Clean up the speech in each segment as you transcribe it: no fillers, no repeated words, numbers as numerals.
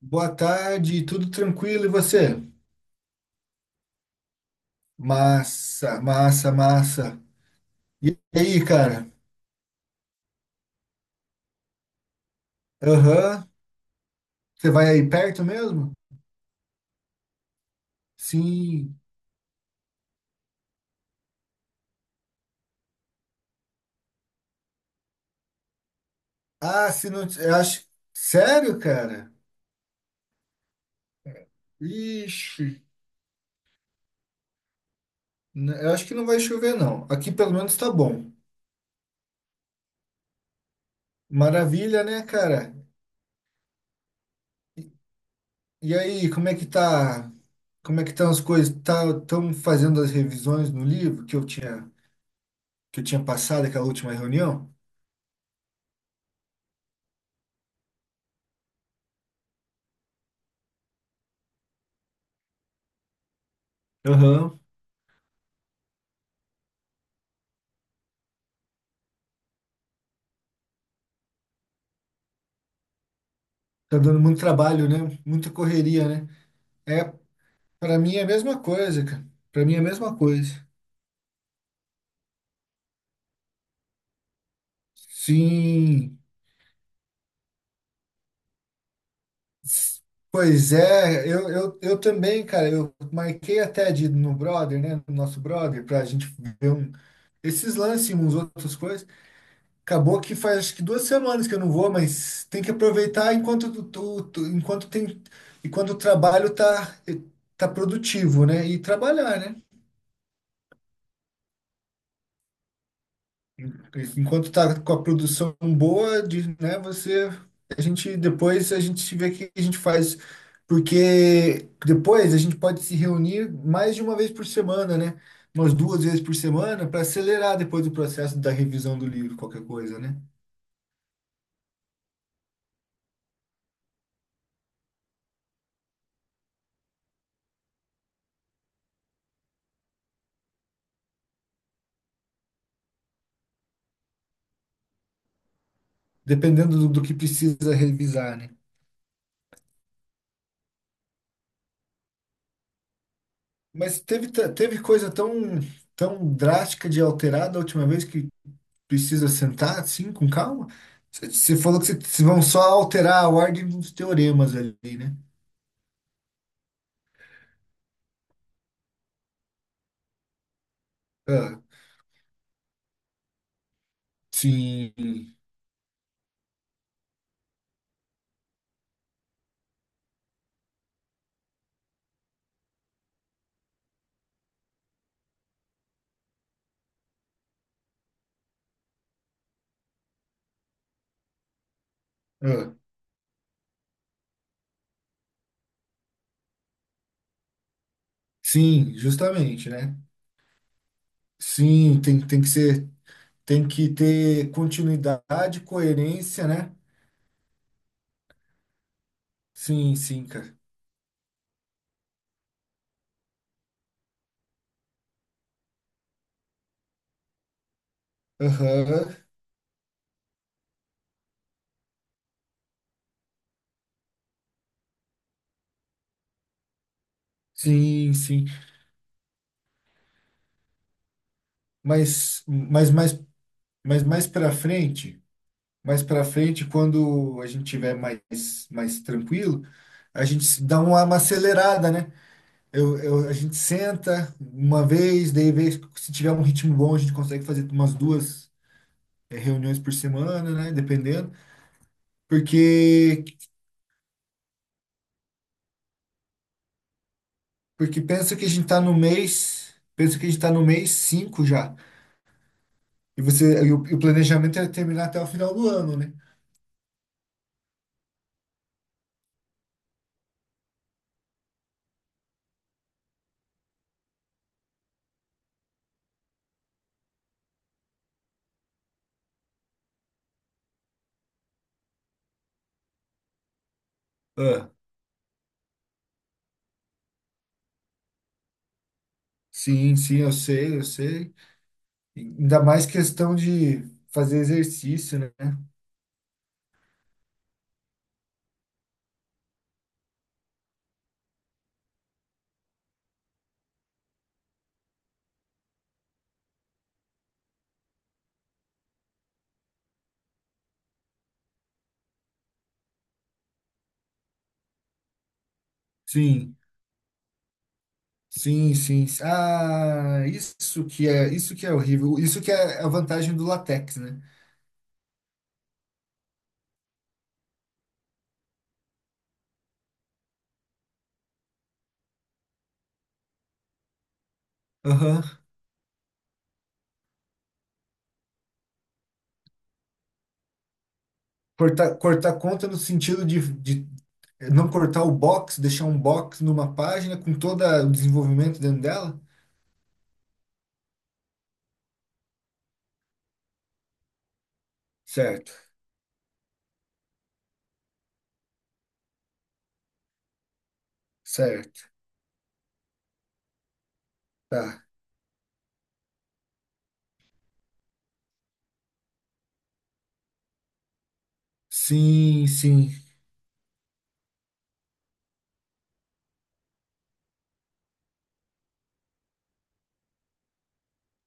Boa tarde, tudo tranquilo e você? Massa, massa, massa. E aí, cara? Aham. Você vai aí perto mesmo? Sim. Ah, se não. Eu acho. Sério, cara? Ixi. Eu acho que não vai chover, não. Aqui pelo menos tá bom. Maravilha, né, cara? E aí, como é que tá? Como é que estão as coisas? Tá, estão fazendo as revisões no livro que eu tinha passado aquela última reunião? Aham. Tá dando muito trabalho, né? Muita correria, né? É, para mim é a mesma coisa, cara. Para mim é a mesma coisa. Sim. S- Pois é, eu também, cara, eu marquei até de ir no brother, né? No nosso brother, pra gente ver esses lances e uns outras coisas. Acabou que faz acho que duas semanas que eu não vou, mas tem que aproveitar enquanto, enquanto tem, enquanto o trabalho tá produtivo, né? E trabalhar, né? Enquanto tá com a produção boa, de, né, você, a gente depois a gente vê o que a gente faz, porque depois a gente pode se reunir mais de uma vez por semana, né? Umas duas vezes por semana para acelerar depois o processo da revisão do livro, qualquer coisa, né? Dependendo do que precisa revisar, né? Mas teve coisa tão, tão drástica de alterar da última vez que precisa sentar assim, com calma. Você falou que vocês vão só alterar a ordem dos teoremas ali, né? Ah, sim. Ah, sim, justamente, né? Sim, tem que ter continuidade, coerência, né? Sim, sim, cara. Aham. Sim, sim. Mas, mas, mas, mas mais para frente, quando a gente tiver mais tranquilo, a gente se dá uma acelerada, né? A gente senta uma vez, daí vez, se tiver um ritmo bom, a gente consegue fazer umas duas reuniões por semana, né? Dependendo. Porque, porque pensa que a gente tá no mês 5 já. E você, e o planejamento é terminar até o final do ano, né? Ah, sim, sim, eu sei, eu sei. E ainda mais questão de fazer exercício, né? Sim, sim, sim. Ah, isso que é horrível. Isso que é a vantagem do latex, né? Aham. Cortar conta no sentido de não cortar o box, deixar um box numa página com todo o desenvolvimento dentro dela? Certo, certo, tá. Sim, sim,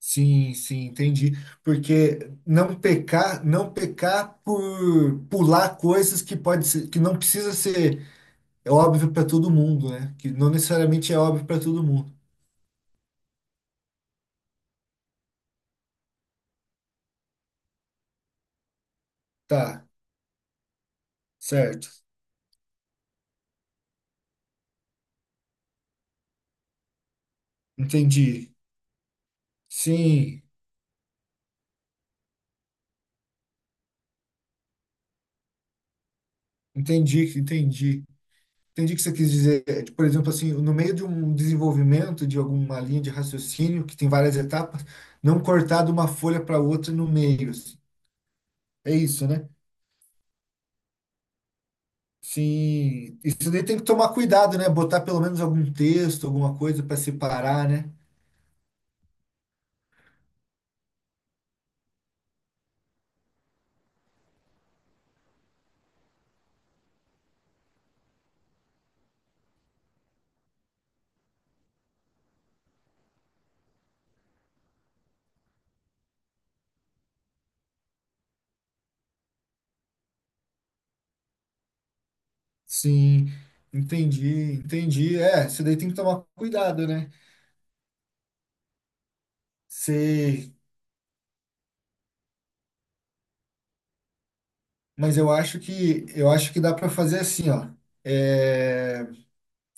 sim, sim, entendi. Porque não pecar por pular coisas que não precisa ser é óbvio para todo mundo, né? Que não necessariamente é óbvio para todo mundo. Tá, certo. Entendi. Sim, entendi, entendi. Entendi o que você quis dizer. É, tipo, por exemplo, assim, no meio de um desenvolvimento de alguma linha de raciocínio, que tem várias etapas, não cortar de uma folha para outra no meio, assim. É isso, né? Sim. Isso daí tem que tomar cuidado, né? Botar pelo menos algum texto, alguma coisa para separar, né? Sim. Entendi, entendi. É, isso daí tem que tomar cuidado, né? Sei. Mas eu acho que dá para fazer assim, ó. É...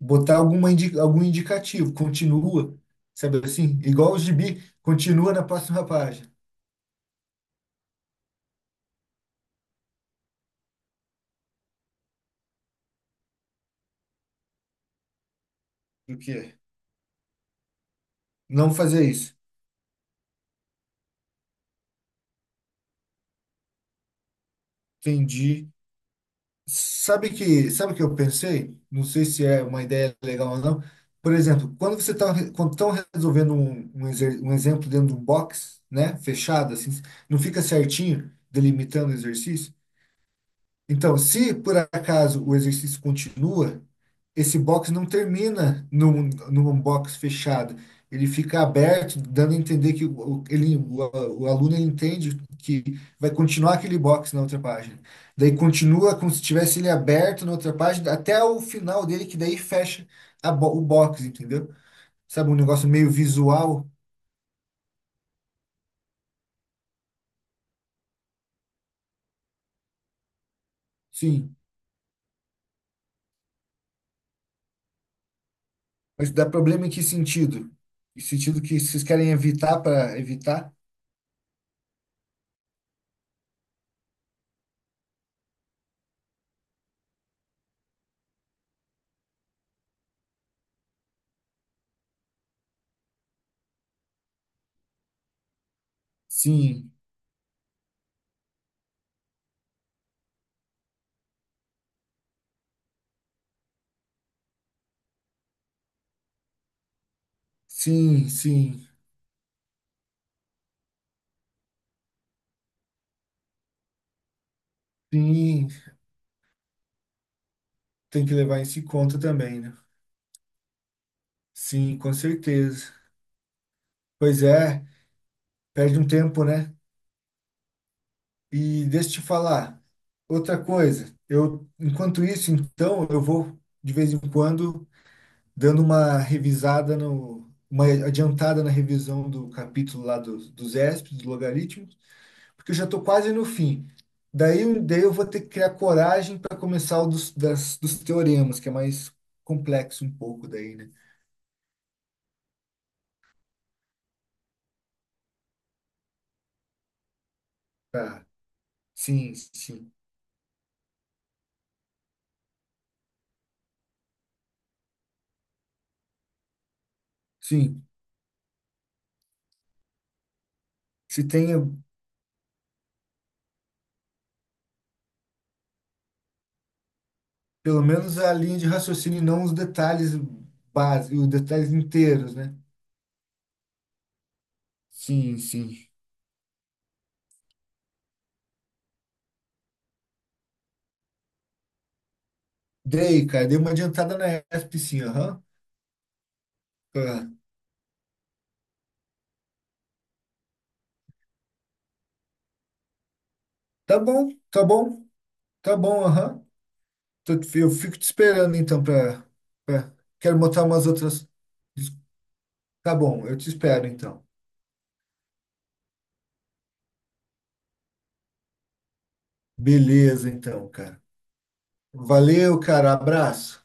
Botar alguma algum indicativo, continua, sabe assim? Igual o gibi, continua na próxima página. Do que? Não fazer isso. Entendi. Sabe que, sabe o que eu pensei? Não sei se é uma ideia legal ou não. Por exemplo, quando você está quando estão resolvendo um exemplo dentro de um box, né, fechado assim, não fica certinho delimitando o exercício? Então, se por acaso o exercício continua, esse box não termina num box fechado. Ele fica aberto, dando a entender que o aluno ele entende que vai continuar aquele box na outra página. Daí continua como se tivesse ele aberto na outra página, até o final dele, que daí fecha o box, entendeu? Sabe, um negócio meio visual, sim. Mas dá problema em que sentido? Em sentido que vocês querem evitar para evitar? Sim. Sim, sim, sim, tem que levar isso em conta também, né? Sim, com certeza. Pois é, perde um tempo, né? E deixa eu te falar, outra coisa, eu, enquanto isso, então, eu vou, de vez em quando, dando uma revisada no, uma adiantada na revisão do capítulo lá dos ESP, dos logaritmos, porque eu já estou quase no fim. Daí eu vou ter que criar coragem para começar o dos teoremas, que é mais complexo um pouco daí, né? Tá. Sim, sim. Sim. Se tenha pelo menos a linha de raciocínio e não os detalhes básicos, os detalhes inteiros, né? Sim, sim. Dei, cara, dei uma adiantada na ESP, sim, aham. Ah, tá bom, tá bom, tá bom, aham. Eu fico te esperando então pra... Quero montar umas outras. Tá bom, eu te espero então. Beleza, então, cara. Valeu, cara. Abraço.